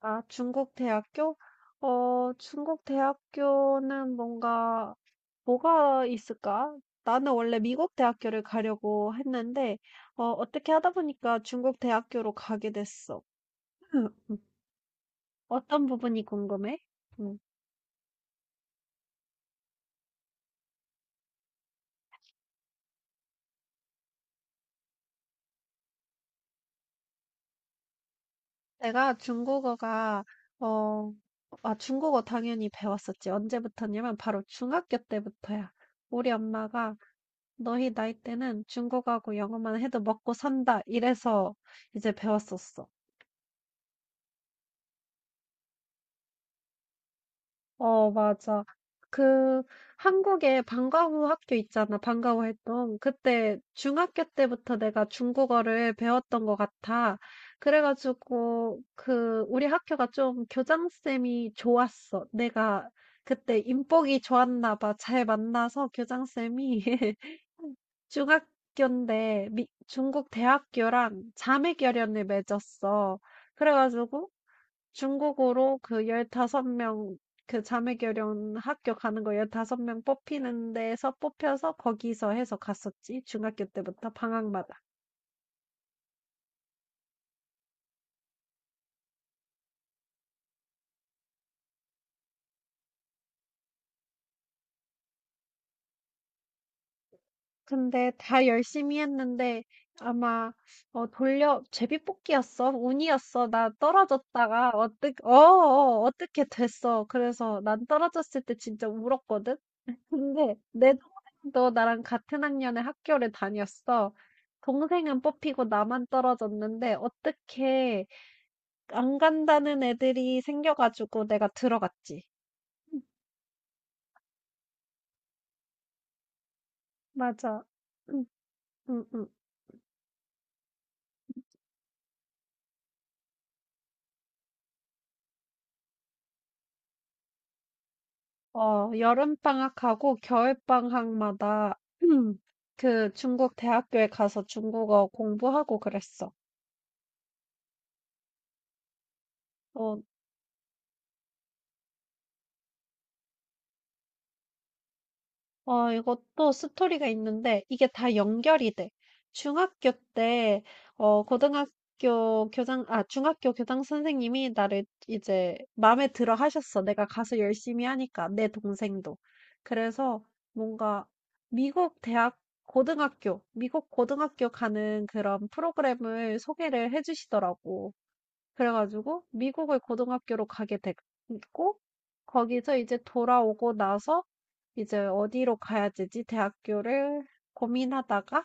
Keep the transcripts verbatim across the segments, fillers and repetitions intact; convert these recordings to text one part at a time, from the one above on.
아, 중국 대학교? 어, 중국 대학교는 뭔가, 뭐가 있을까? 나는 원래 미국 대학교를 가려고 했는데, 어, 어떻게 하다 보니까 중국 대학교로 가게 됐어. 음, 음. 어떤 부분이 궁금해? 음, 내가 중국어가, 어, 아, 중국어 당연히 배웠었지. 언제부터냐면 바로 중학교 때부터야. 우리 엄마가 너희 나이 때는 중국하고 영어만 해도 먹고 산다. 이래서 이제 배웠었어. 어, 맞아. 그 한국에 방과후 학교 있잖아. 방과후 했던 그때 중학교 때부터 내가 중국어를 배웠던 것 같아. 그래가지고 그 우리 학교가 좀 교장쌤이 좋았어. 내가 그때 인복이 좋았나 봐. 잘 만나서 교장쌤이 중학교인데 미- 중국 대학교랑 자매결연을 맺었어. 그래가지고 중국으로 그 십오 명 그 자매결연 학교 가는 거 십오 명 뽑히는 데서 뽑혀서 거기서 해서 갔었지. 중학교 때부터 방학마다. 근데 다 열심히 했는데 아마 어 돌려 제비뽑기였어. 운이었어. 나 떨어졌다가 어떻게 어 어, 어, 어떻게 됐어. 그래서 난 떨어졌을 때 진짜 울었거든. 근데 내 동생도 나랑 같은 학년에 학교를 다녔어. 동생은 뽑히고 나만 떨어졌는데 어떻게 안 간다는 애들이 생겨가지고 내가 들어갔지. 맞아. 응, 응, 응. 어, 여름방학하고 겨울방학마다 그 중국 대학교에 가서 중국어 공부하고 그랬어. 어, 어 이것도 스토리가 있는데 이게 다 연결이 돼. 중학교 때 어 고등학교 교장 아 중학교 교장 선생님이 나를 이제 마음에 들어 하셨어. 내가 가서 열심히 하니까 내 동생도. 그래서 뭔가 미국 대학 고등학교 미국 고등학교 가는 그런 프로그램을 소개를 해주시더라고. 그래 가지고 미국의 고등학교로 가게 됐고 거기서 이제 돌아오고 나서 이제 어디로 가야 되지 대학교를 고민하다가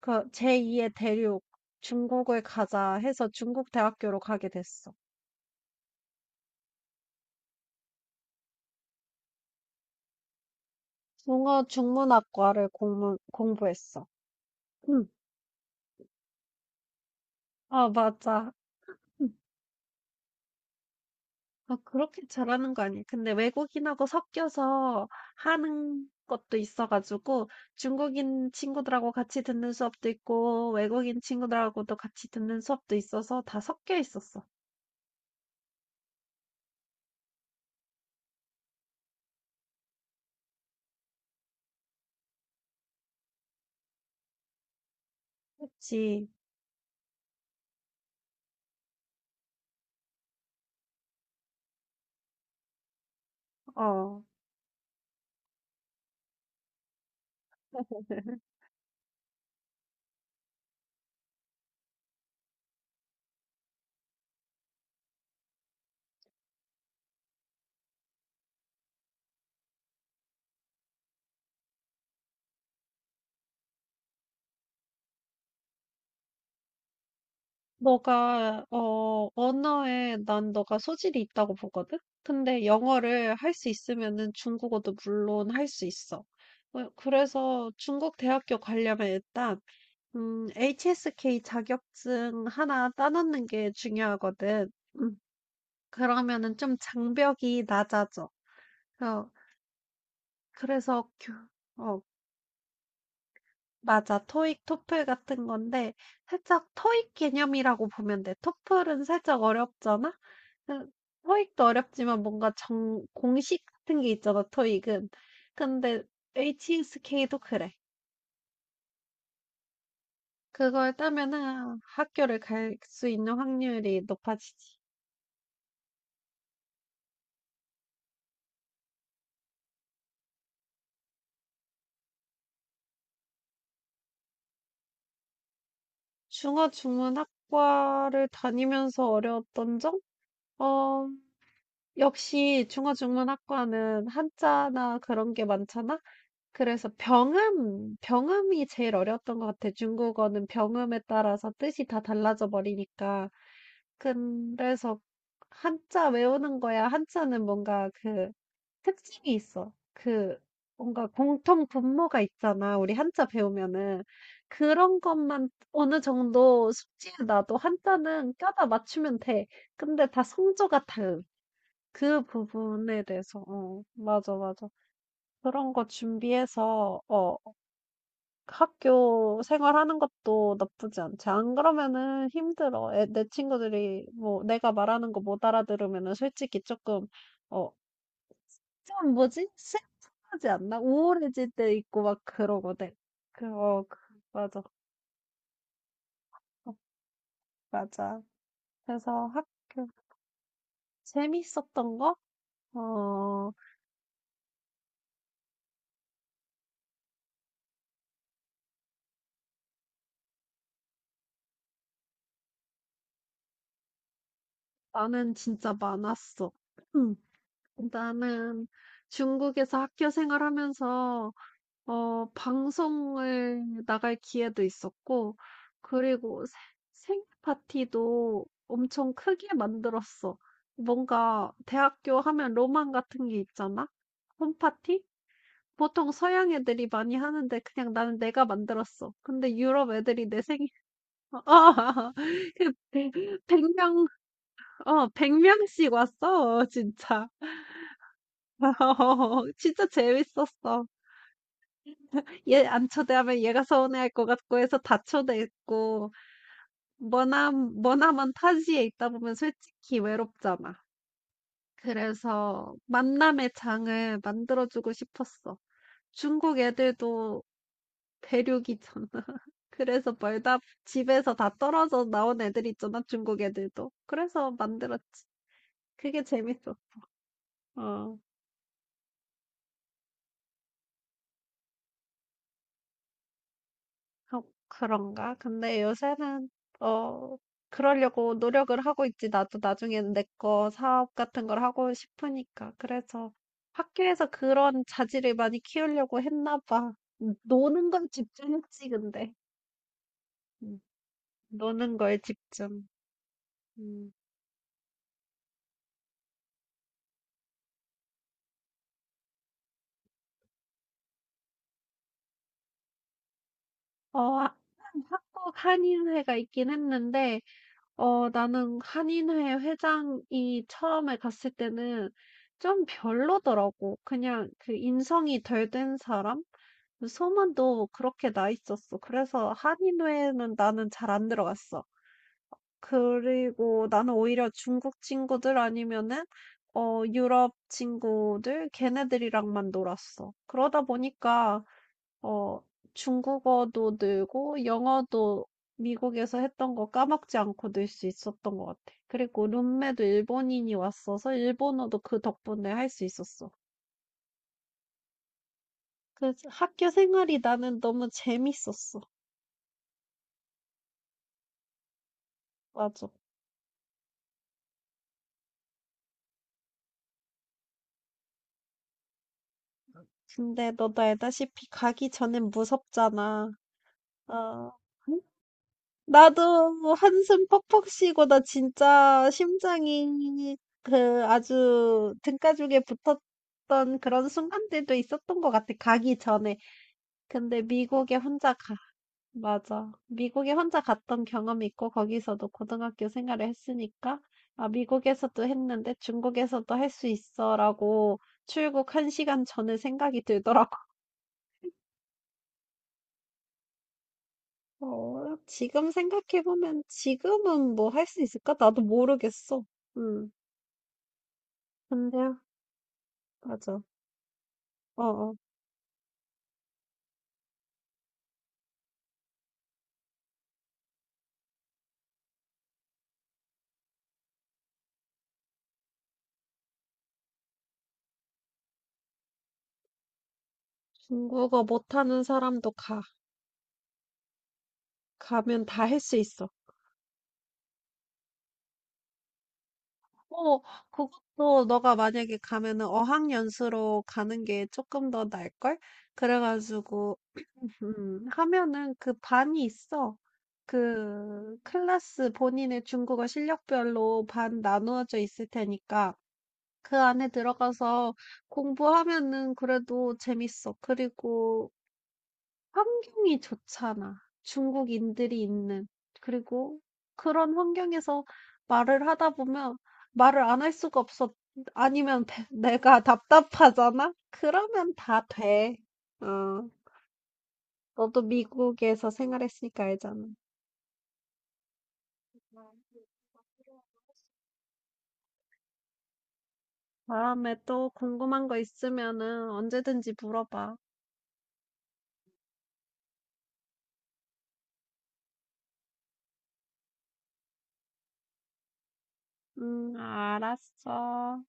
그 제이의 대륙 중국을 가자 해서 중국 대학교로 가게 됐어. 중어 중문학과를 공부, 공부했어. 응. 아, 맞아. 아 그렇게 잘하는 거 아니에요. 근데 외국인하고 섞여서 하는 것도 있어 가지고 중국인 친구들하고 같이 듣는 수업도 있고 외국인 친구들하고도 같이 듣는 수업도 있어서 다 섞여 있었어. 그치. 어. 너가 어 언어에 난 너가 소질이 있다고 보거든. 근데 영어를 할 수 있으면은 중국어도 물론 할 수 있어. 어, 그래서 중국 대학교 가려면 일단 음, 에이치에스케이 자격증 하나 따놓는 게 중요하거든. 음, 그러면은 좀 장벽이 낮아져. 어, 그래서, 교- 어, 맞아. 토익, 토플 같은 건데, 살짝 토익 개념이라고 보면 돼. 토플은 살짝 어렵잖아? 그, 토익도 어렵지만 뭔가 정, 공식 같은 게 있잖아, 토익은. 근데 에이치에스케이도 그래. 그걸 따면은 학교를 갈 수 있는 확률이 높아지지. 중어중문학과를 다니면서 어려웠던 점? 어, 역시 중어중문학과는 한자나 그런 게 많잖아? 그래서 병음, 병음이 제일 어려웠던 것 같아. 중국어는 병음에 따라서 뜻이 다 달라져 버리니까. 그래서 한자 외우는 거야. 한자는 뭔가 그 특징이 있어. 그 뭔가 공통 분모가 있잖아. 우리 한자 배우면은 그런 것만 어느 정도 숙지에 놔도 한자는 껴다 맞추면 돼. 근데 다 성조가 다음. 그 부분에 대해서 어 맞아 맞아. 그런 거 준비해서 어 학교 생활하는 것도 나쁘지 않지. 안 그러면은 힘들어. 애, 내 친구들이 뭐 내가 말하는 거 못 알아들으면은 솔직히 조금 어 좀 뭐지? 슬프하지 않나? 우울해질 때 있고 막 그러거든. 그거 그- 맞아. 어, 맞아. 그래서 학교 재밌었던 거? 어, 나는 진짜 많았어. 음, 나는 중국에서 학교 생활하면서 어 방송을 나갈 기회도 있었고 그리고 생 생일 파티도 엄청 크게 만들었어. 뭔가 대학교 하면 로망 같은 게 있잖아? 홈파티? 보통 서양 애들이 많이 하는데 그냥 나는 내가 만들었어. 근데 유럽 애들이 내 생일 아 그 백 명어 백 명씩 왔어. 진짜. 진짜 재밌었어. 얘 안 초대하면 얘가 서운해할 것 같고 해서 다 초대했고 머남 머나먼 타지에 있다 보면 솔직히 외롭잖아. 그래서 만남의 장을 만들어주고 싶었어. 중국 애들도 대륙이잖아. 그래서 멀다 집에서 다 떨어져 나온 애들 있잖아. 중국 애들도. 그래서 만들었지. 그게 재밌어. 어. 어 그런가? 근데 요새는 어 그러려고 노력을 하고 있지. 나도 나중에는 내 거 사업 같은 걸 하고 싶으니까. 그래서 학교에서 그런 자질을 많이 키우려고 했나 봐. 음, 노는 걸 집중했지, 근데. 음, 노는 걸 집중. 음. 어, 하- 한국 한인회가 있긴 했는데 어 나는 한인회 회장이 처음에 갔을 때는 좀 별로더라고. 그냥 그 인성이 덜 된 사람? 그 소문도 그렇게 나 있었어. 그래서 한인회는 나는 잘 안 들어갔어. 그리고 나는 오히려 중국 친구들 아니면은 어 유럽 친구들 걔네들이랑만 놀았어. 그러다 보니까 어, 중국어도 늘고 영어도 미국에서 했던 거 까먹지 않고 늘 수 있었던 것 같아. 그리고 룸메도 일본인이 왔어서 일본어도 그 덕분에 할 수 있었어. 그 학교 생활이 나는 너무 재밌었어. 맞아. 근데 너도 알다시피 가기 전엔 무섭잖아. 아, 나도 뭐 한숨 퍽퍽 쉬고 나 진짜 심장이 그 아주 등가죽에 붙었던 그런 순간들도 있었던 것 같아. 가기 전에. 근데 미국에 혼자 가. 맞아. 미국에 혼자 갔던 경험이 있고 거기서도 고등학교 생활을 했으니까 아, 미국에서도 했는데 중국에서도 할 수 있어라고 출국 한 시간 전에 생각이 들더라고. 어, 지금 생각해보면 지금은 뭐 할 수 있을까? 나도 모르겠어. 음. 근데요? 맞아. 어어. 중국어 못하는 사람도 가. 가면 다 할 수 있어. 어, 그것도 너가 만약에 가면은 어학연수로 가는 게 조금 더 나을걸? 그래가지고, 음, 하면은 그 반이 있어. 그 클래스 본인의 중국어 실력별로 반 나누어져 있을 테니까 그 안에 들어가서 공부하면은 그래도 재밌어. 그리고 환경이 좋잖아. 중국인들이 있는. 그리고 그런 환경에서 말을 하다 보면 말을 안 할 수가 없어. 아니면 배- 내가 답답하잖아? 그러면 다 돼. 어, 너도 미국에서 생활했으니까 알잖아. 다음에 또 궁금한 거 있으면은 언제든지 물어봐. 응, 알았어.